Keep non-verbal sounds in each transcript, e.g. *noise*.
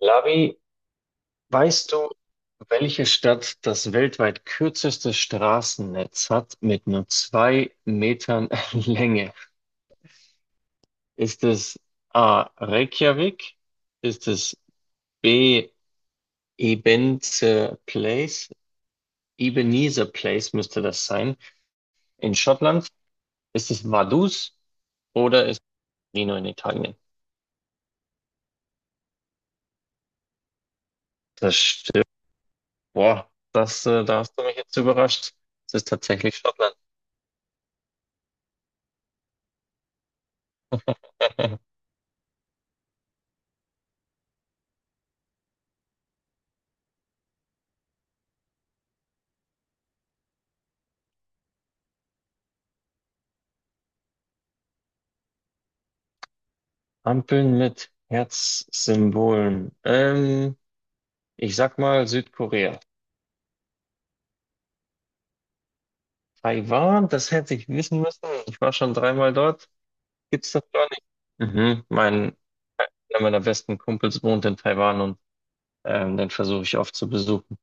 Lavi, weißt du, welche Stadt das weltweit kürzeste Straßennetz hat mit nur zwei Metern *laughs* Länge? Ist es A. Reykjavik? Ist es B. Ebenezer Place? Ebenezer Place müsste das sein in Schottland. Ist es Vaduz oder ist es Torino in Italien? Das stimmt. Boah, da hast du mich jetzt überrascht. Es ist tatsächlich Schottland. *laughs* Ampeln mit Herzsymbolen. Ich sag mal Südkorea. Taiwan, das hätte ich wissen müssen. Ich war schon dreimal dort. Gibt's das gar nicht? Mhm. Einer meiner besten Kumpels wohnt in Taiwan und den versuche ich oft zu besuchen.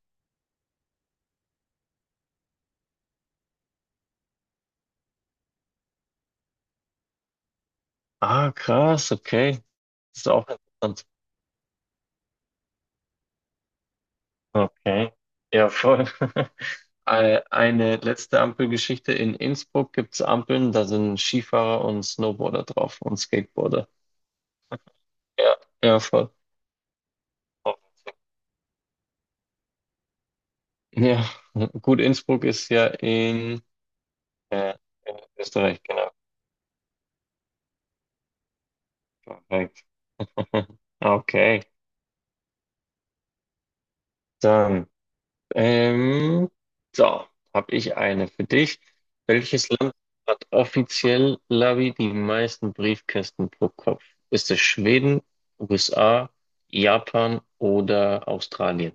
Ah, krass, okay. Das ist auch interessant. Okay. Ja, voll. *laughs* Eine letzte Ampelgeschichte. In Innsbruck gibt's Ampeln, da sind Skifahrer und Snowboarder drauf und Skateboarder. Ja, ja, voll. Ja, *laughs* gut, Innsbruck ist ja äh, in Österreich, genau. Perfekt. *laughs* Okay, dann, ähm, so, habe ich eine für dich. Welches Land hat offiziell, Lavi, die meisten Briefkästen pro Kopf? Ist es Schweden, USA, Japan oder Australien?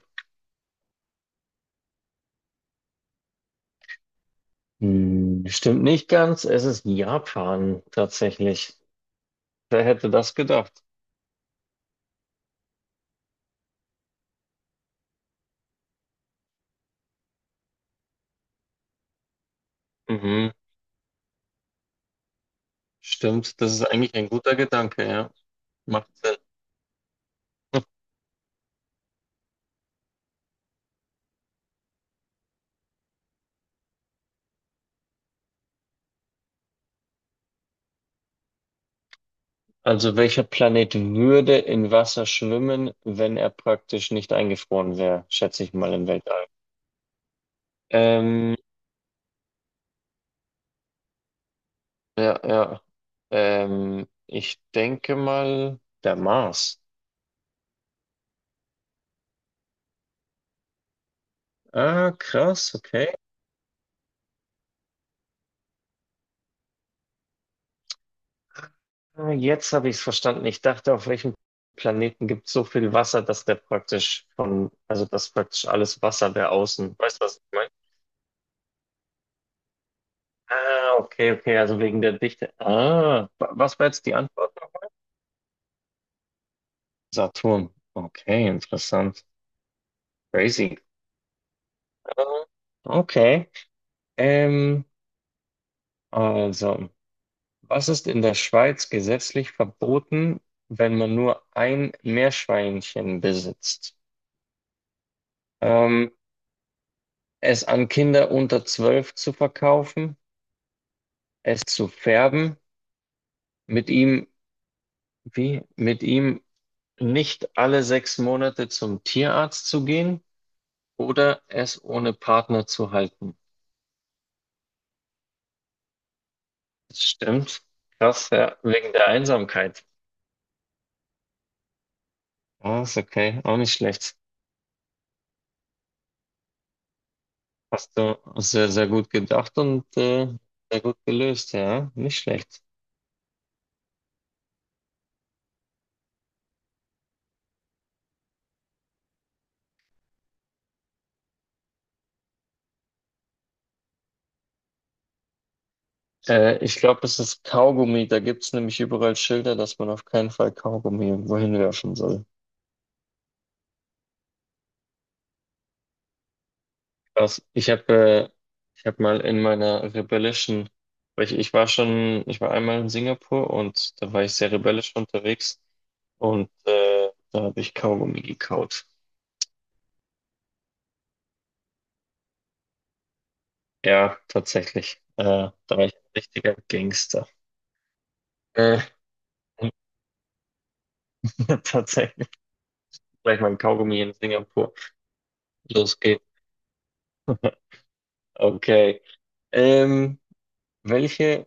Hm, stimmt nicht ganz, es ist Japan tatsächlich. Wer hätte das gedacht? Mhm. Stimmt, das ist eigentlich ein guter Gedanke, ja. Macht Sinn. Also welcher Planet würde in Wasser schwimmen, wenn er praktisch nicht eingefroren wäre, schätze ich mal im Weltall. Ähm, ja, ja. Ich denke mal der Mars. Ah, krass, okay. Ah, jetzt habe ich es verstanden. Ich dachte, auf welchem Planeten gibt es so viel Wasser, dass der praktisch von, also dass praktisch alles Wasser wäre außen. Weißt du, was ich meine? Ah, okay, okay, also wegen der Dichte. Ah, was war jetzt die Antwort? Saturn. Okay, interessant. Crazy. Ah, okay. Ähm, also, was ist in der Schweiz gesetzlich verboten, wenn man nur ein Meerschweinchen besitzt? Ähm, Es an Kinder unter zwölf zu verkaufen, es zu färben, mit ihm, mit ihm nicht alle sechs Monate zum Tierarzt zu gehen, oder es ohne Partner zu halten. Das stimmt. Krass, ja, wegen der Einsamkeit. Ah, ist okay, auch nicht schlecht. Hast du sehr, sehr gut gedacht und sehr gut gelöst, ja, nicht schlecht. Ich glaube, es ist Kaugummi. Da gibt es nämlich überall Schilder, dass man auf keinen Fall Kaugummi irgendwo hinwerfen soll. Krass. Ich hab mal in meiner rebellischen, weil ich war einmal in Singapur und da war ich sehr rebellisch unterwegs und da habe ich Kaugummi gekaut. Ja, tatsächlich. Da war ich ein richtiger Gangster. Äh, *laughs* Tatsächlich. Gleich mein Kaugummi in Singapur. Los geht's. Okay. Ähm, Welche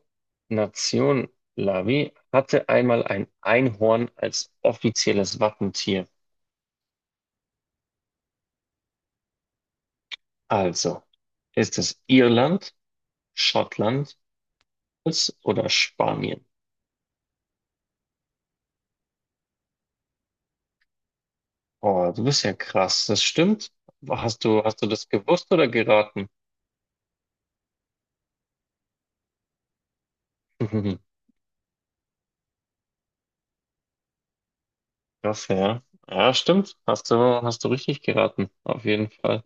Nation, Lavi, hatte einmal ein Einhorn als offizielles Wappentier? Also, ist es Irland, Schottland oder Spanien? Oh, du bist ja krass, das stimmt. Hast du das gewusst oder geraten? *laughs* Krass, ja. Ja, stimmt. Hast du richtig geraten, auf jeden Fall.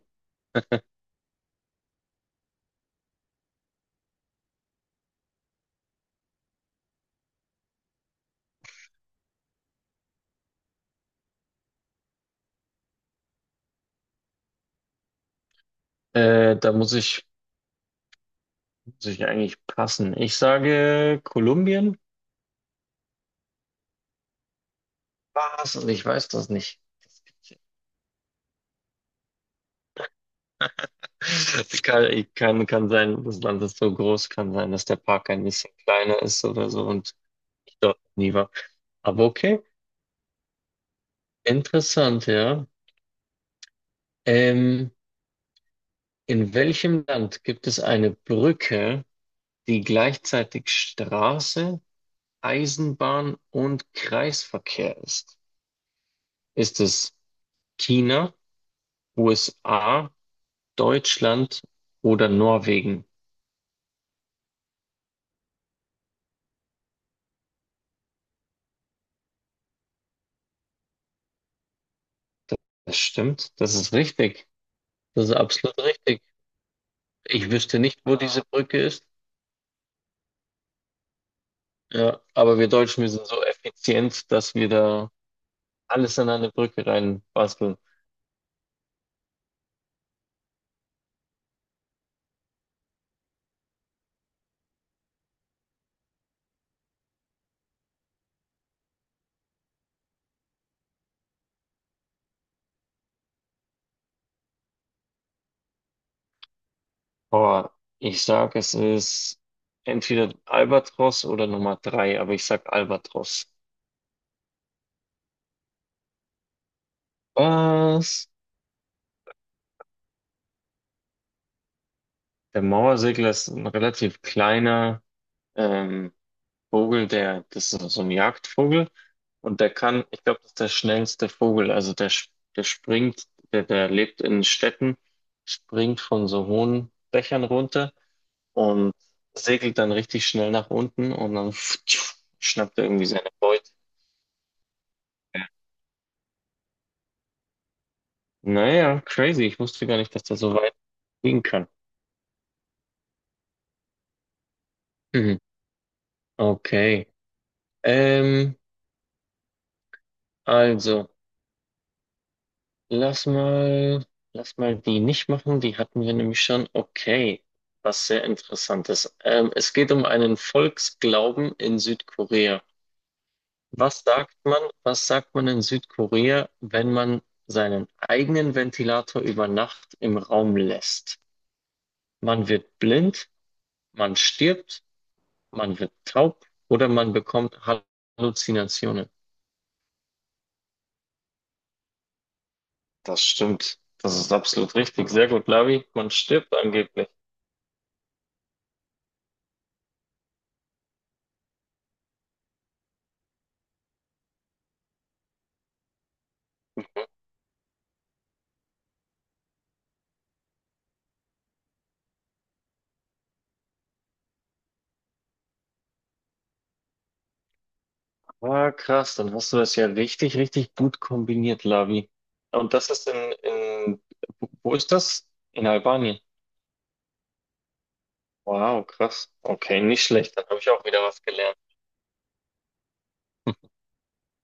Da muss ich eigentlich passen. Ich sage Kolumbien. Was? Und ich weiß das nicht. *laughs* Ich kann sein, das Land ist so groß, kann sein, dass der Park ein bisschen kleiner ist oder so und ich dort nie war. Aber okay. Interessant, ja. Ähm, in welchem Land gibt es eine Brücke, die gleichzeitig Straße, Eisenbahn und Kreisverkehr ist? Ist es China, USA, Deutschland oder Norwegen? Das stimmt, das ist richtig. Das ist absolut richtig. Ich wüsste nicht, wo diese Brücke ist. Ja, aber wir Deutschen, wir sind so effizient, dass wir da alles an eine Brücke reinbasteln. Boah, ich sag, es ist entweder Albatros oder Nummer 3, aber ich sag Albatros. Was? Der Mauersegler ist ein relativ kleiner ähm, Vogel, der, das ist so ein Jagdvogel und der kann, ich glaube, das ist der schnellste Vogel, also der, sch- der springt, der, der lebt in Städten, springt von so hohen Dächern runter und segelt dann richtig schnell nach unten und dann *tsk* schnappt er irgendwie seine Beute. Naja, crazy. Ich wusste gar nicht, dass das so weit gehen kann. Mhm. Okay. Ähm, also, lass mal, lass mal die nicht machen. Die hatten wir nämlich schon. Okay. Was sehr Interessantes. Es geht um einen Volksglauben in Südkorea. Was sagt man in Südkorea, wenn man seinen eigenen Ventilator über Nacht im Raum lässt? Man wird blind, man stirbt, man wird taub oder man bekommt Halluzinationen. Das stimmt. Das ist absolut richtig. Sehr gut, Lavi. Man stirbt angeblich. Ah, krass. Dann hast du das ja richtig, richtig gut kombiniert, Lavi. Und das ist wo ist das? In Albanien. Wow, krass. Okay, nicht schlecht. Dann habe ich auch wieder was gelernt.